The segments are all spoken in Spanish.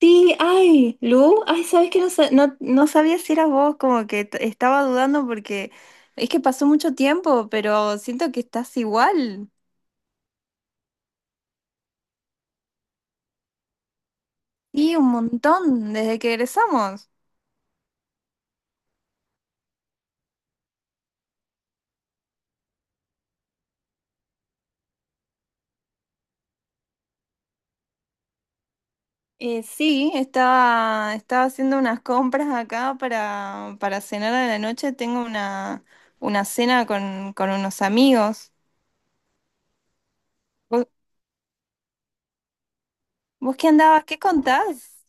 Sí, ay, Lu, ay, sabes que no, no, no sabía si eras vos, como que estaba dudando porque es que pasó mucho tiempo, pero siento que estás igual. Sí, un montón, desde que egresamos. Sí, estaba haciendo unas compras acá para cenar a la noche. Una cena con unos amigos. ¿Vos, vos qué andabas? ¿Qué contás?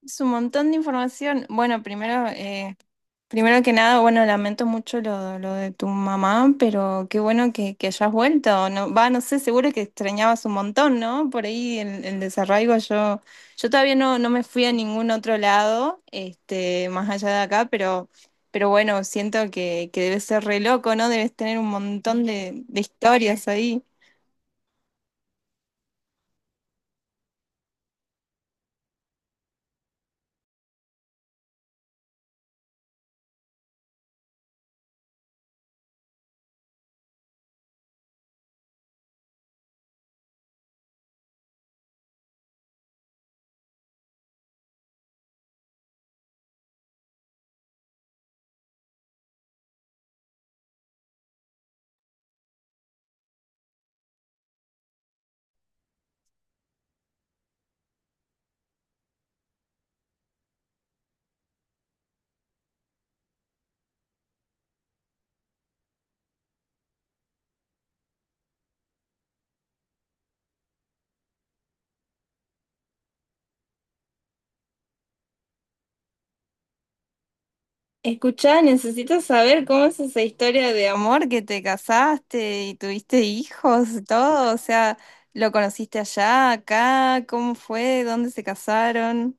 Es un montón de información. Bueno, primero, primero que nada, bueno, lamento mucho lo de tu mamá, pero qué bueno que hayas vuelto. No, va, no sé, seguro que extrañabas un montón, ¿no? Por ahí el desarraigo, yo todavía no, no me fui a ningún otro lado, este, más allá de acá, pero bueno, siento que debes ser re loco, ¿no? Debes tener un montón de historias ahí. Escuchá, necesito saber cómo es esa historia de amor que te casaste y tuviste hijos y todo. O sea, ¿lo conociste allá, acá? ¿Cómo fue? ¿Dónde se casaron?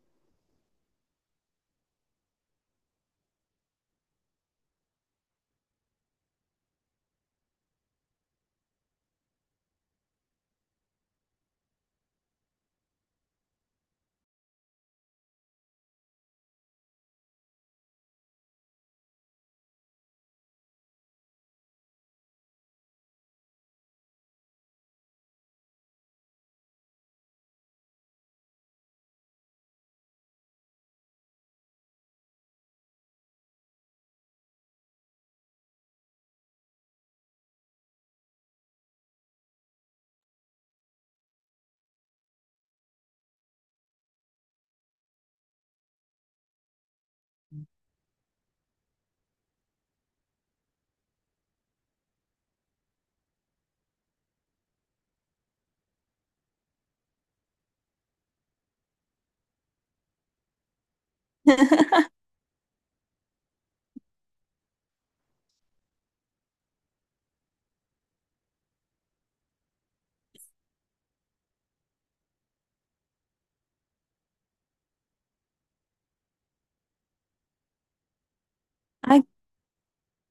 Ay,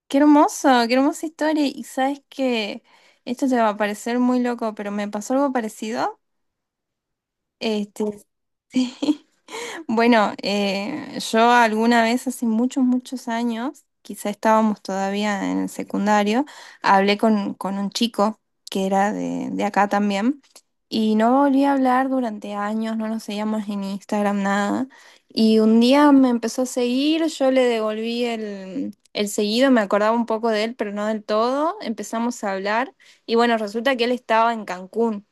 qué hermoso, qué hermosa historia. Y sabes que esto te va a parecer muy loco, pero me pasó algo parecido. Este, sí. Bueno, yo alguna vez hace muchos, muchos años, quizá estábamos todavía en el secundario, hablé con un chico que era de acá también y no volví a hablar durante años, no nos seguíamos en Instagram, nada. Y un día me empezó a seguir, yo le devolví el seguido, me acordaba un poco de él, pero no del todo, empezamos a hablar y bueno, resulta que él estaba en Cancún.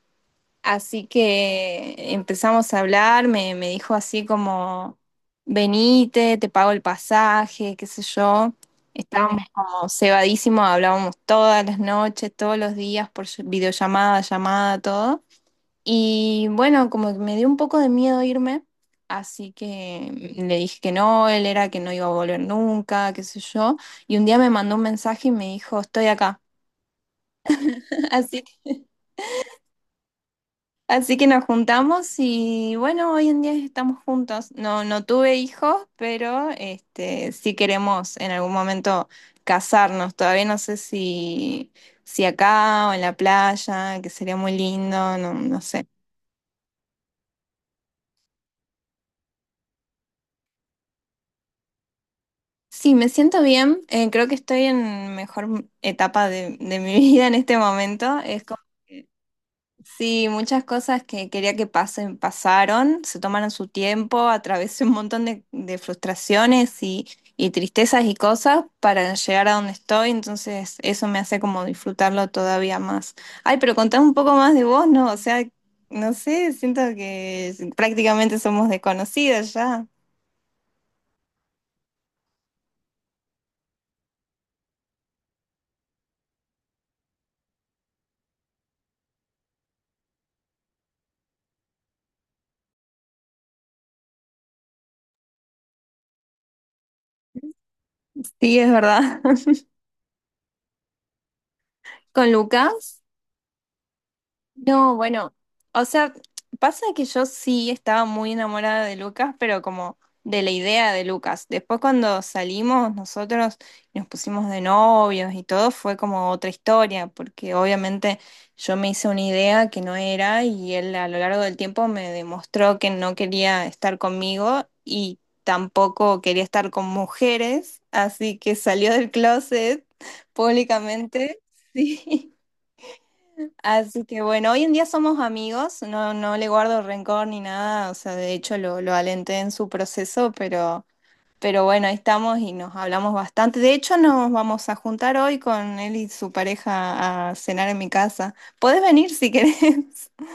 Así que empezamos a hablar, me dijo así como, venite, te pago el pasaje, qué sé yo. Estábamos como cebadísimos, hablábamos todas las noches, todos los días por videollamada, llamada, todo. Y bueno, como que me dio un poco de miedo irme, así que le dije que no, él era que no iba a volver nunca, qué sé yo. Y un día me mandó un mensaje y me dijo, estoy acá. Así, así que nos juntamos y bueno, hoy en día estamos juntos. No, no tuve hijos, pero este, sí queremos en algún momento casarnos. Todavía no sé si, si acá o en la playa, que sería muy lindo, no, no sé. Sí, me siento bien. Creo que estoy en mejor etapa de mi vida en este momento. Es sí, muchas cosas que quería que pasen, pasaron, se tomaron su tiempo, atravesé un montón de frustraciones y tristezas y cosas para llegar a donde estoy, entonces eso me hace como disfrutarlo todavía más. Ay, pero contame un poco más de vos, ¿no? O sea, no sé, siento que prácticamente somos desconocidas ya. Sí, es verdad. ¿Con Lucas? No, bueno, o sea, pasa que yo sí estaba muy enamorada de Lucas, pero como de la idea de Lucas. Después cuando salimos nosotros y nos pusimos de novios y todo, fue como otra historia, porque obviamente yo me hice una idea que no era y él a lo largo del tiempo me demostró que no quería estar conmigo y tampoco quería estar con mujeres, así que salió del closet públicamente. Sí. Así que bueno, hoy en día somos amigos, no, no le guardo rencor ni nada, o sea, de hecho lo alenté en su proceso, pero bueno, ahí estamos y nos hablamos bastante. De hecho, nos vamos a juntar hoy con él y su pareja a cenar en mi casa. Podés venir si querés.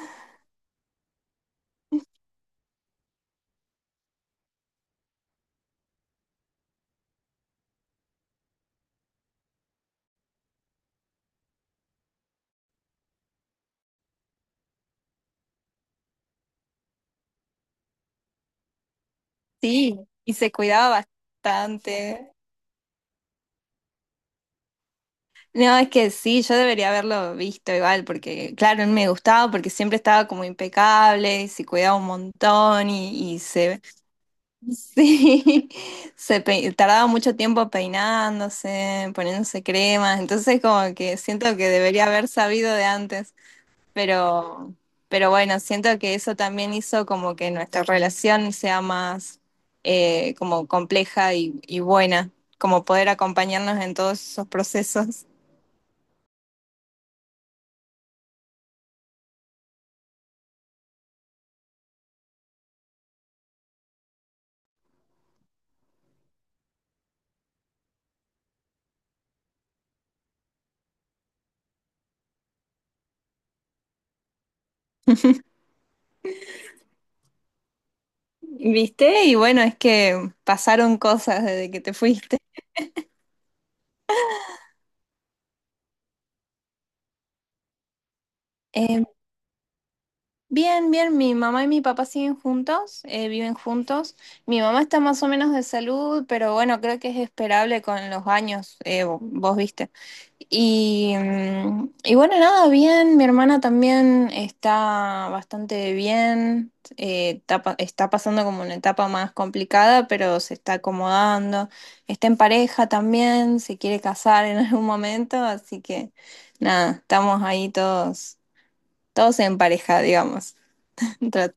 Sí, y se cuidaba bastante. No, es que sí, yo debería haberlo visto igual, porque claro, él me gustaba porque siempre estaba como impecable, y se cuidaba un montón y se... Sí, se tardaba mucho tiempo peinándose, poniéndose cremas, entonces como que siento que debería haber sabido de antes, pero, pero bueno, siento que eso también hizo como que nuestra relación sea más como compleja y buena, como poder acompañarnos en todos esos procesos. ¿Viste? Y bueno, es que pasaron cosas desde que te fuiste. Em, bien, bien, mi mamá y mi papá siguen juntos, viven juntos. Mi mamá está más o menos de salud, pero bueno, creo que es esperable con los años, vos viste. Y, y bueno, nada, bien, mi hermana también está bastante bien, está, está pasando como una etapa más complicada, pero se está acomodando, está en pareja también, se quiere casar en algún momento, así que nada, estamos ahí todos, todos en pareja, digamos. Tra-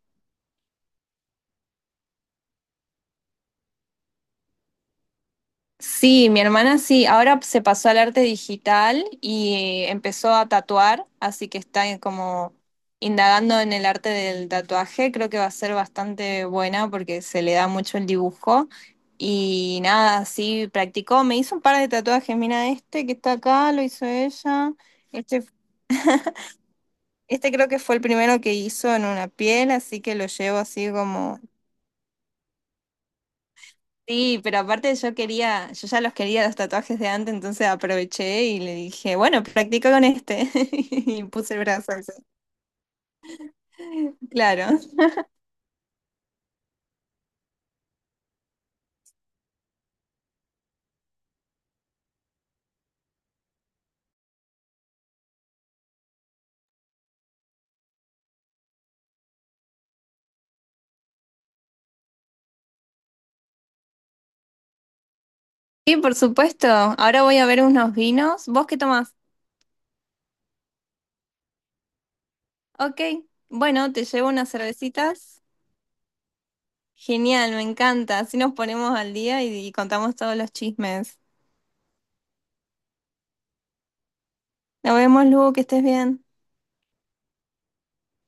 Sí, mi hermana sí, ahora se pasó al arte digital y empezó a tatuar, así que está en como indagando en el arte del tatuaje, creo que va a ser bastante buena porque se le da mucho el dibujo y nada, sí, practicó, me hizo un par de tatuajes, mira este que está acá, lo hizo ella, este, este creo que fue el primero que hizo en una piel, así que lo llevo así como sí, pero aparte yo quería, yo ya los quería los tatuajes de antes, entonces aproveché y le dije, bueno, practica con este. Y puse el brazo así. Claro. Sí, por supuesto. Ahora voy a ver unos vinos. ¿Vos qué tomás? Ok. Bueno, te llevo unas cervecitas. Genial, me encanta. Así nos ponemos al día y contamos todos los chismes. Nos vemos, Lu, que estés bien.